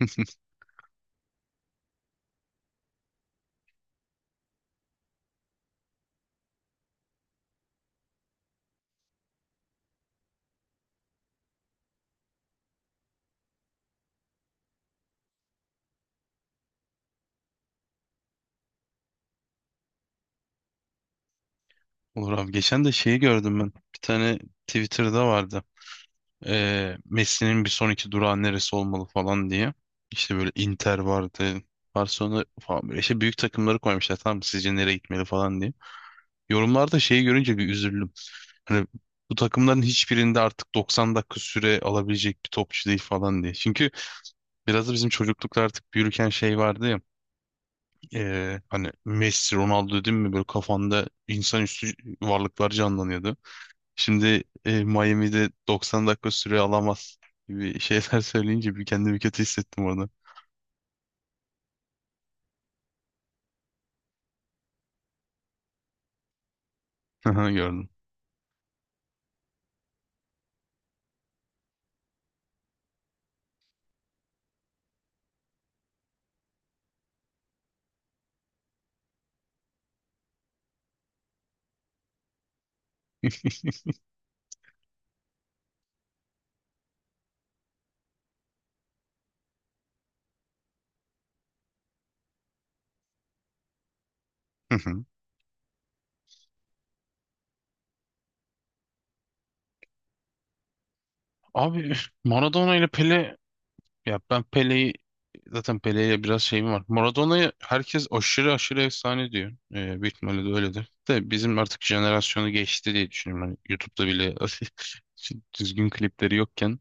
Olur abi. Geçen de şeyi gördüm ben. Bir tane Twitter'da vardı. Messi'nin bir sonraki durağı neresi olmalı falan diye. İşte böyle Inter vardı. Barcelona falan böyle işte büyük takımları koymuşlar. Tamam mı? Sizce nereye gitmeli falan diye. Yorumlarda şeyi görünce bir üzüldüm. Hani bu takımların hiçbirinde artık 90 dakika süre alabilecek bir topçu değil falan diye. Çünkü biraz da bizim çocuklukta artık büyürken şey vardı ya. Hani Messi, Ronaldo dedim mi böyle kafanda insanüstü varlıklar canlanıyordu. Şimdi Miami'de 90 dakika süre alamaz gibi şeyler söyleyince bir kendimi kötü hissettim orada. Aha, gördüm. Hı hı. Abi Maradona ile Pele, ya ben Pele'yi zaten, Pele'ye biraz şeyim var. Maradona'yı herkes aşırı aşırı efsane diyor. Büyük ihtimalle de öyledir. De bizim artık jenerasyonu geçti diye düşünüyorum. Hani YouTube'da bile düzgün klipleri yokken.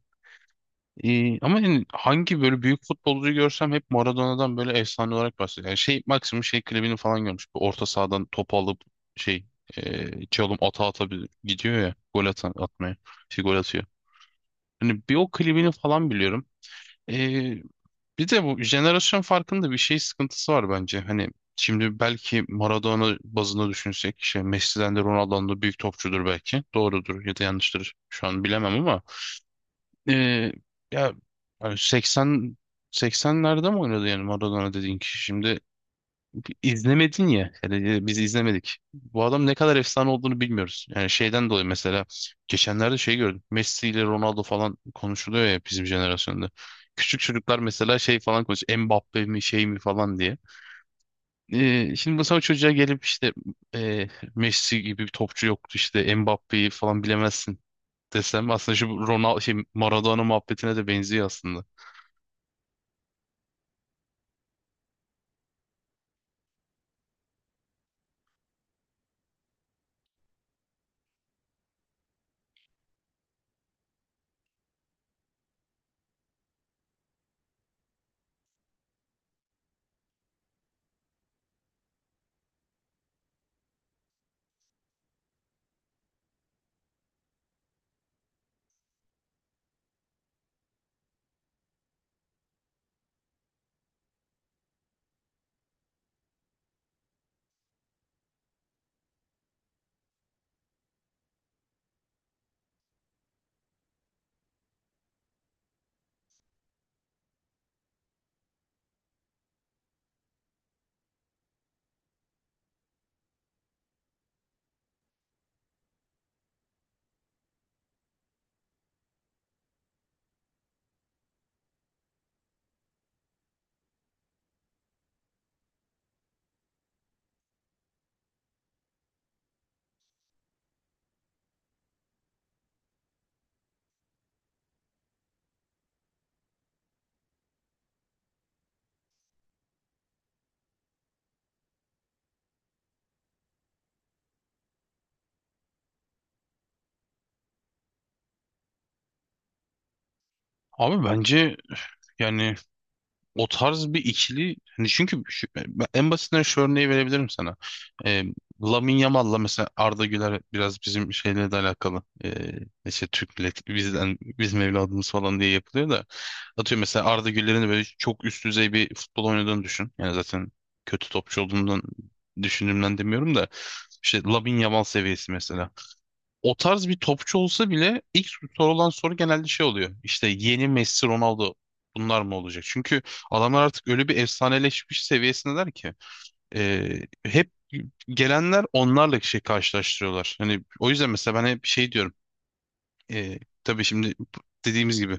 Ama yani hangi böyle büyük futbolcuyu görsem hep Maradona'dan böyle efsane olarak bahsediyor. Yani şey maksimum şey klibini falan görmüş. Bu orta sahadan topu alıp şey, çalım ata ata gidiyor ya gol atan, atmaya. Şey gol atıyor. Hani bir o klibini falan biliyorum. Ee, bir de bu jenerasyon farkında bir şey sıkıntısı var bence. Hani şimdi belki Maradona bazında düşünsek şey Messi'den de Ronaldo'dan da büyük topçudur belki. Doğrudur ya da yanlıştır. Şu an bilemem ama ee, ya yani, 80'lerde mi oynadı yani Maradona dediğin kişi? Şimdi izlemedin ya. Yani biz izlemedik. Bu adam ne kadar efsane olduğunu bilmiyoruz. Yani şeyden dolayı mesela geçenlerde şey gördüm. Messi ile Ronaldo falan konuşuluyor ya bizim jenerasyonda. Küçük çocuklar mesela şey falan konuşuyor. Mbappe mi şey mi falan diye. Şimdi mesela o çocuğa gelip işte, e, Messi gibi bir topçu yoktu işte, Mbappe'yi falan bilemezsin desem aslında şu Ronaldo şey Maradona muhabbetine de benziyor aslında. Abi bence yani o tarz bir ikili, hani çünkü yani ben en basitinden şu örneği verebilirim sana. Ee, Lamine Yamal'la mesela Arda Güler biraz bizim şeyle de alakalı. İşte Türk milleti bizden, bizim evladımız falan diye yapılıyor da atıyor mesela Arda Güler'in de böyle çok üst düzey bir futbol oynadığını düşün. Yani zaten kötü topçu olduğundan, düşündüğümden demiyorum da, işte Lamine Yamal seviyesi mesela o tarz bir topçu olsa bile ilk sorulan soru genelde şey oluyor. İşte, yeni Messi, Ronaldo bunlar mı olacak? Çünkü adamlar artık öyle bir efsaneleşmiş seviyesindeler ki e, hep gelenler onlarla şey karşılaştırıyorlar. Hani o yüzden mesela ben hep şey diyorum. E, tabii şimdi dediğimiz gibi,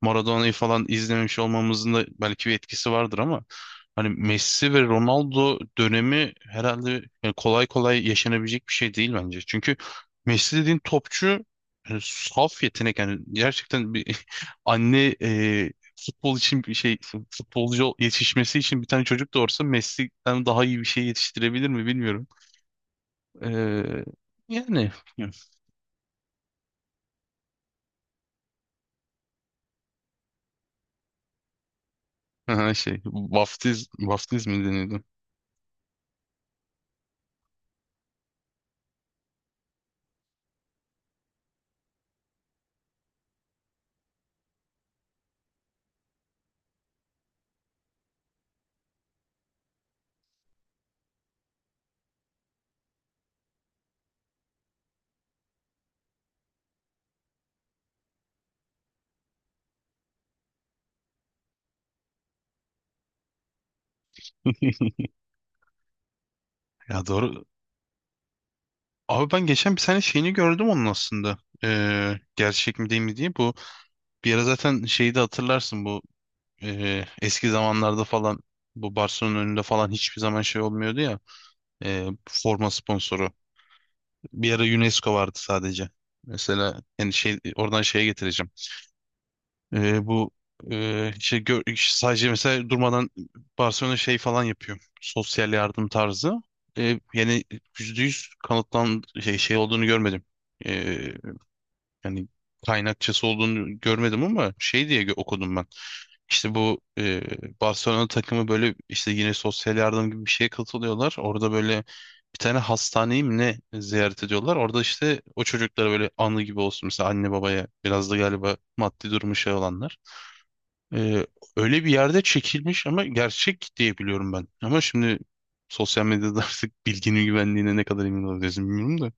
Maradona'yı falan izlememiş olmamızın da belki bir etkisi vardır ama hani Messi ve Ronaldo dönemi herhalde yani kolay kolay yaşanabilecek bir şey değil bence. Çünkü Messi dediğin topçu yani saf yetenek, yani gerçekten bir anne, futbol için bir şey, futbolcu yetişmesi için bir tane çocuk doğursa Messi'den daha iyi bir şey yetiştirebilir mi bilmiyorum. E, yani şey, vaftiz mi deniyordu? Ya doğru. Abi ben geçen bir tane şeyini gördüm onun aslında. Gerçek mi değil mi diye. Bu, bir ara zaten şeyi de hatırlarsın bu, eski zamanlarda falan bu Barcelona'nın önünde falan hiçbir zaman şey olmuyordu ya. Forma sponsoru. Bir ara UNESCO vardı sadece. Mesela yani şey, oradan şeye getireceğim. Bu işte, sadece mesela durmadan Barcelona şey falan yapıyor. Sosyal yardım tarzı. Yani yüzde yüz kanıtlan şey, olduğunu görmedim. Ee, yani kaynakçası olduğunu görmedim ama şey diye okudum ben. İşte bu, Barcelona takımı böyle işte yine sosyal yardım gibi bir şeye katılıyorlar. Orada böyle bir tane hastaneyi mi ne ziyaret ediyorlar. Orada işte o çocuklara böyle anı gibi olsun. Mesela anne babaya biraz da galiba maddi durumu şey olanlar. Ee, öyle bir yerde çekilmiş ama gerçek diye biliyorum ben. Ama şimdi sosyal medyada artık bilginin güvenliğine ne kadar emin olabiliriz bilmiyorum da.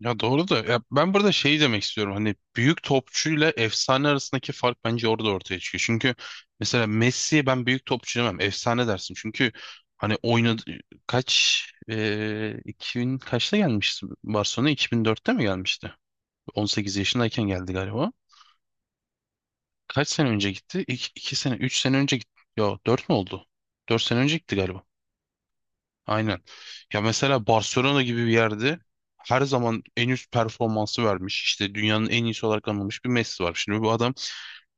Ya doğru da, ya ben burada şey demek istiyorum, hani büyük topçuyla efsane arasındaki fark bence orada ortaya çıkıyor. Çünkü mesela Messi'ye ben büyük topçu demem, efsane dersin. Çünkü hani oynadı kaç, 2000 kaçta gelmişti Barcelona, 2004'te mi gelmişti? 18 yaşındayken geldi galiba. Kaç sene önce gitti? İki sene, üç sene önce gitti. Yo, dört mü oldu? Dört sene önce gitti galiba. Aynen. Ya mesela Barcelona gibi bir yerde her zaman en üst performansı vermiş. İşte dünyanın en iyisi olarak anılmış bir Messi var. Şimdi bu adam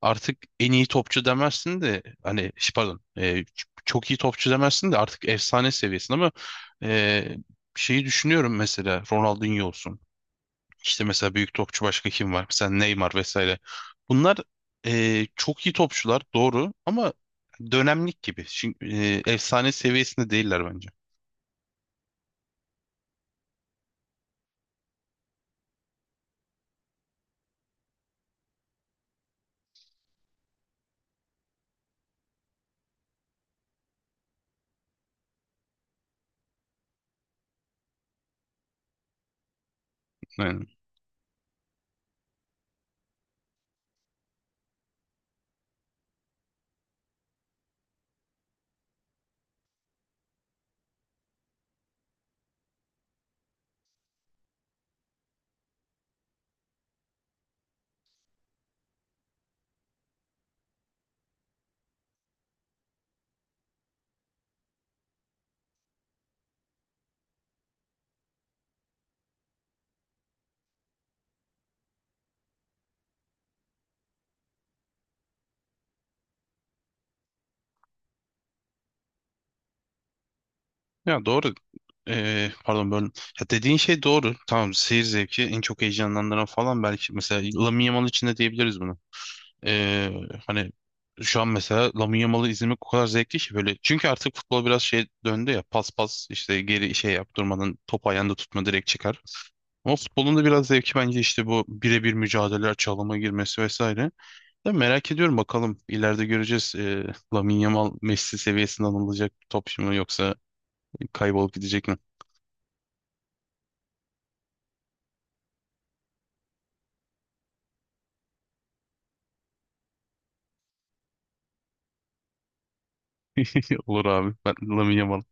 artık en iyi topçu demezsin de hani pardon, çok iyi topçu demezsin de artık efsane seviyesinde ama e, şeyi düşünüyorum mesela, Ronaldinho olsun. İşte mesela büyük topçu başka kim var? Mesela Neymar vesaire. Bunlar çok iyi topçular doğru ama dönemlik gibi. Şimdi, efsane seviyesinde değiller bence. Yani, ya doğru. Pardon böyle. Ya dediğin şey doğru. Tamam, seyir zevki en çok heyecanlandıran falan belki mesela Lamine Yamal için de diyebiliriz bunu. E, hani şu an mesela Lamine Yamal'ı izlemek o kadar zevkli ki böyle. Çünkü artık futbol biraz şey döndü ya, pas pas işte geri şey yap, durmadan top ayağında tutma, direkt çıkar. Ama futbolun da biraz zevki bence işte bu birebir mücadeleler, çalıma girmesi vesaire. Ben merak ediyorum, bakalım ileride göreceğiz, Lamine Yamal Messi seviyesinde anılacak bir topçu mu yoksa kaybolup gidecek mi? Olur abi, ben Lamine Yamal.